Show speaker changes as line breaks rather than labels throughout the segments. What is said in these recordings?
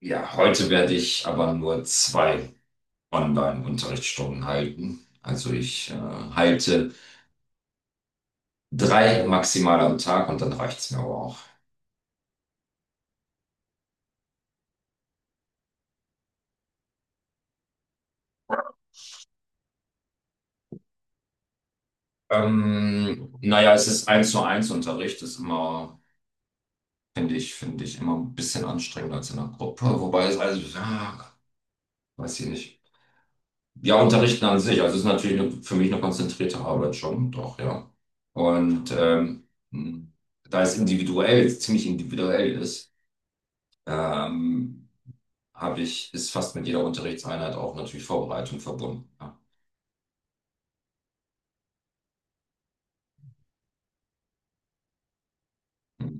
Ja, heute werde ich aber nur zwei Online-Unterrichtsstunden halten. Also ich halte drei maximal am Tag und dann reicht's mir aber auch. Naja, es ist eins zu eins Unterricht, ist immer, finde ich immer ein bisschen anstrengender als in einer Gruppe. Wobei es also, ja, weiß ich nicht. Ja, Unterrichten an sich, also es ist natürlich eine, für mich eine konzentrierte Arbeit schon, doch, ja. Und da es individuell, ziemlich individuell ist, ähm, habe ich, ist fast mit jeder Unterrichtseinheit auch natürlich Vorbereitung verbunden. Ja. Hm.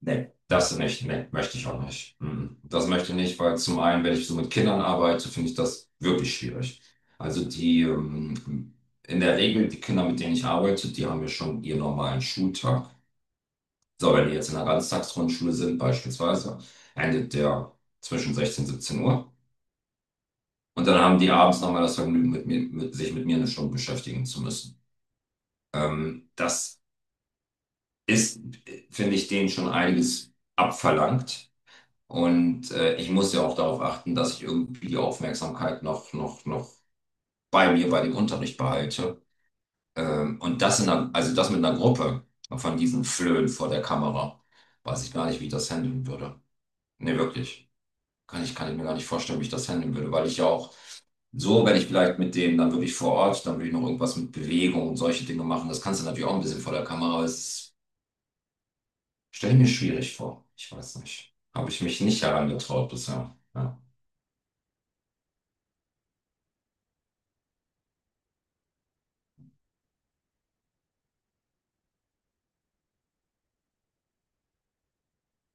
Nee, das nicht, nee, möchte ich auch nicht. Mhm. Das möchte ich nicht, weil zum einen, wenn ich so mit Kindern arbeite, finde ich das wirklich schwierig. Also die, in der Regel, die Kinder, mit denen ich arbeite, die haben ja schon ihren normalen Schultag. So, wenn die jetzt in einer Ganztagsgrundschule sind, beispielsweise, endet der zwischen 16 und 17 Uhr. Und dann haben die abends nochmal das Vergnügen, mit mir, mit, sich mit mir eine Stunde beschäftigen zu müssen. Das ist, finde ich, denen schon einiges abverlangt. Und ich muss ja auch darauf achten, dass ich irgendwie die Aufmerksamkeit noch bei mir, bei dem Unterricht behalte. Und das in einer, also das mit einer Gruppe von diesen Flöhen vor der Kamera. Weiß ich gar nicht, wie ich das handeln würde. Nee, wirklich. Kann ich mir gar nicht vorstellen, wie ich das handeln würde, weil ich ja auch so, wenn ich vielleicht mit denen dann wirklich vor Ort, dann würde ich noch irgendwas mit Bewegung und solche Dinge machen. Das kannst du natürlich auch ein bisschen vor der Kamera, aber es ist Stelle ich mir schwierig vor. Ich weiß nicht. Habe ich mich nicht herangetraut bisher. Ja,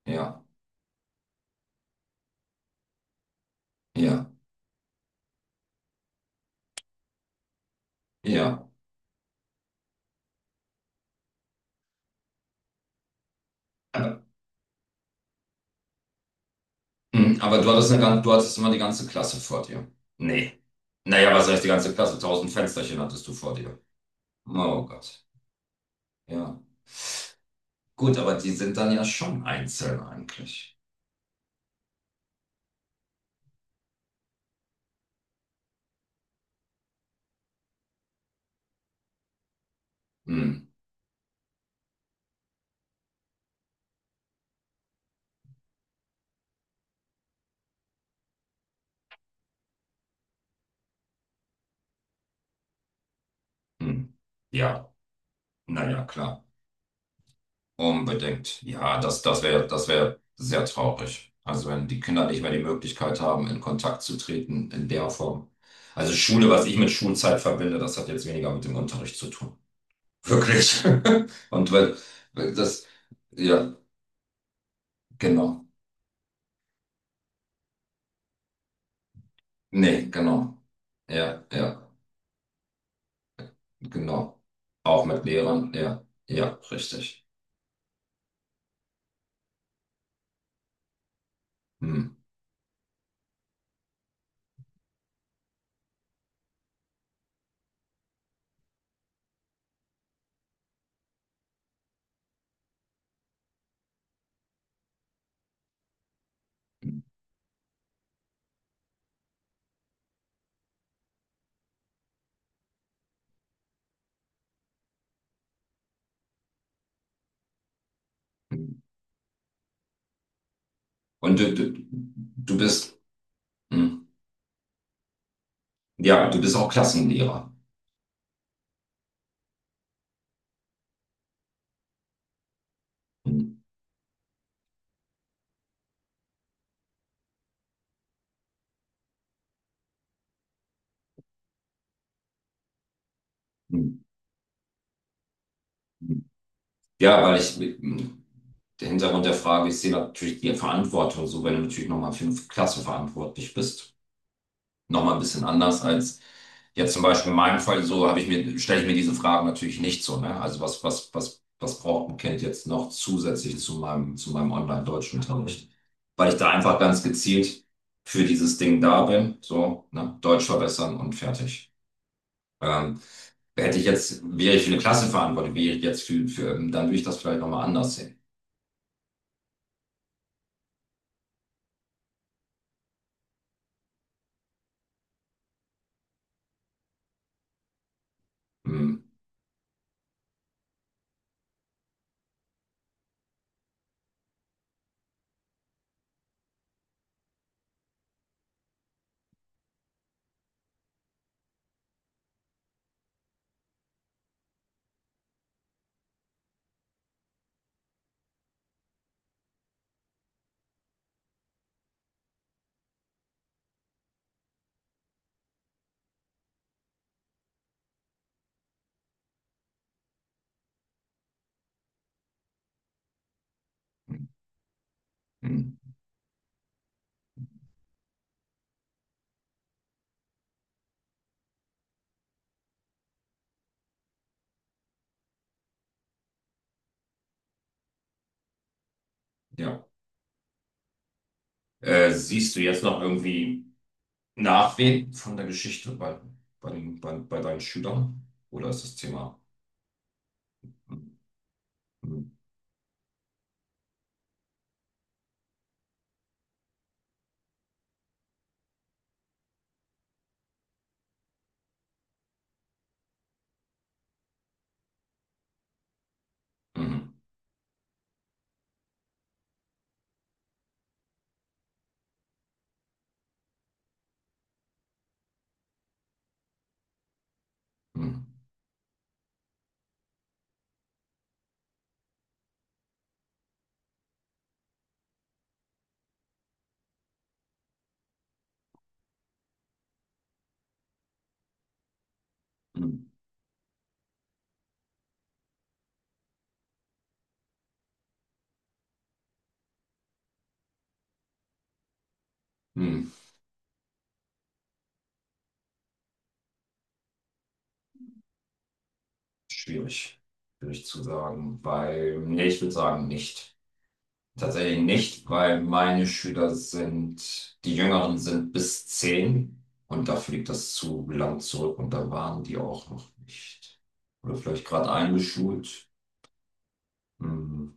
ja, ja. Ja. Äh, Aber du hattest, du hattest immer die ganze Klasse vor dir. Nee. Naja, was heißt die ganze Klasse? Tausend Fensterchen hattest du vor dir. Oh Gott. Ja. Gut, aber die sind dann ja schon einzeln eigentlich. Hm, hm. Ja, naja, klar. Unbedingt. Ja, das wäre sehr traurig. Also wenn die Kinder nicht mehr die Möglichkeit haben, in Kontakt zu treten in der Form. Also Schule, was ich mit Schulzeit verbinde, das hat jetzt weniger mit dem Unterricht zu tun. Wirklich. Und weil, weil das, ja, genau. Nee, genau. Ja, ja, genau. Auch mit Lehrern, ja, ja, richtig. Hm. Und du bist, hm. Ja, du bist auch Klassenlehrer. Hm. Hm. Hm. Ja, weil ich mit, m, der Hintergrund der Frage, ich sehe natürlich die Verantwortung, so wenn du natürlich nochmal für eine Klasse verantwortlich bist, nochmal ein bisschen anders als jetzt zum Beispiel in meinem Fall, so habe ich mir, stelle ich mir diese Fragen natürlich nicht so, ne? Also was braucht ein Kind jetzt noch zusätzlich zu meinem Online-Deutschunterricht? Weil ich da einfach ganz gezielt für dieses Ding da bin, so, ne? Deutsch verbessern und fertig. Ähm, hätte ich jetzt, wäre ich für eine Klasse verantwortlich, wäre ich jetzt für, dann würde ich das vielleicht nochmal anders sehen. Hm, hm, ja. Siehst du jetzt noch irgendwie Nachwehen von der Geschichte bei, bei, den, bei, bei deinen Schülern? Oder ist das Thema hm, hm, hm, hm, hm, hm, hm, schwierig? Schwierig zu sagen, weil, nee, ich würde sagen, nicht. Tatsächlich nicht, weil meine Schüler sind, die Jüngeren sind bis 10 und dafür liegt das zu lang zurück und da waren die auch noch nicht. Oder vielleicht gerade eingeschult. Hm.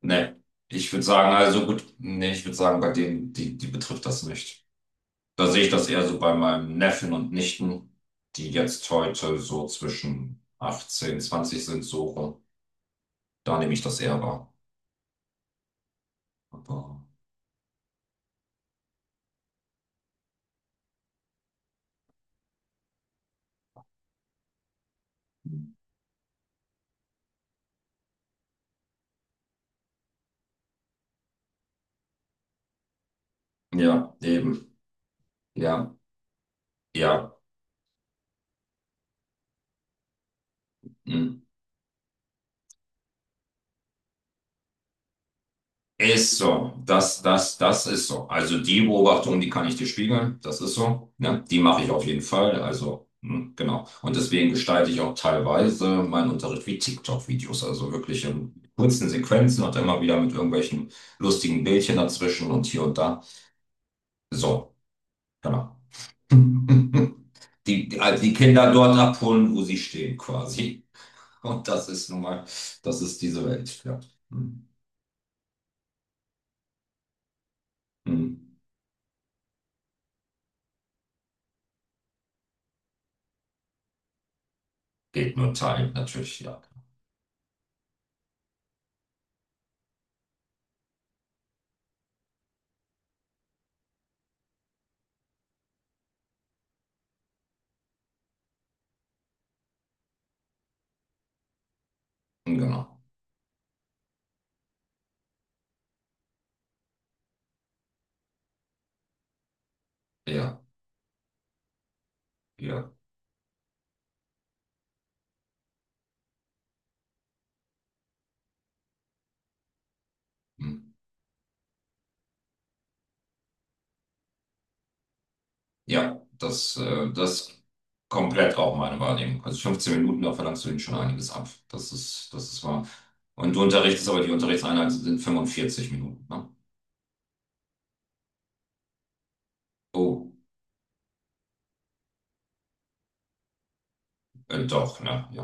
Nee, ich würde sagen, also gut, nee, ich würde sagen, bei denen, die, die betrifft das nicht. Da sehe ich das eher so bei meinem Neffen und Nichten, die jetzt heute so zwischen 18, 20 sind, so rum. Da nehme ich das eher wahr. Aber, ja, eben. Ja, ja. Mm. Ist so, das ist so. Also die Beobachtung, die kann ich dir spiegeln, das ist so. Ne? Die mache ich auf jeden Fall. Also, hm, genau. Und deswegen gestalte ich auch teilweise meinen Unterricht wie TikTok-Videos. Also wirklich in kurzen Sequenzen und immer wieder mit irgendwelchen lustigen Bildchen dazwischen und hier und da. So, genau. Also die Kinder dort abholen, wo sie stehen, quasi. Und das ist nun mal, das ist diese Welt. Ja. Hm, hm. Geht nur Teil, natürlich, ja. Genau. Ja, ja. Hm. Ja, das komplett auch meine Wahrnehmung. Also 15 Minuten, da verlangst du ihnen schon einiges ab. Das ist wahr. Und du unterrichtest aber, die Unterrichtseinheiten sind 45 Minuten, ne? Oh, doch, ne? Ja.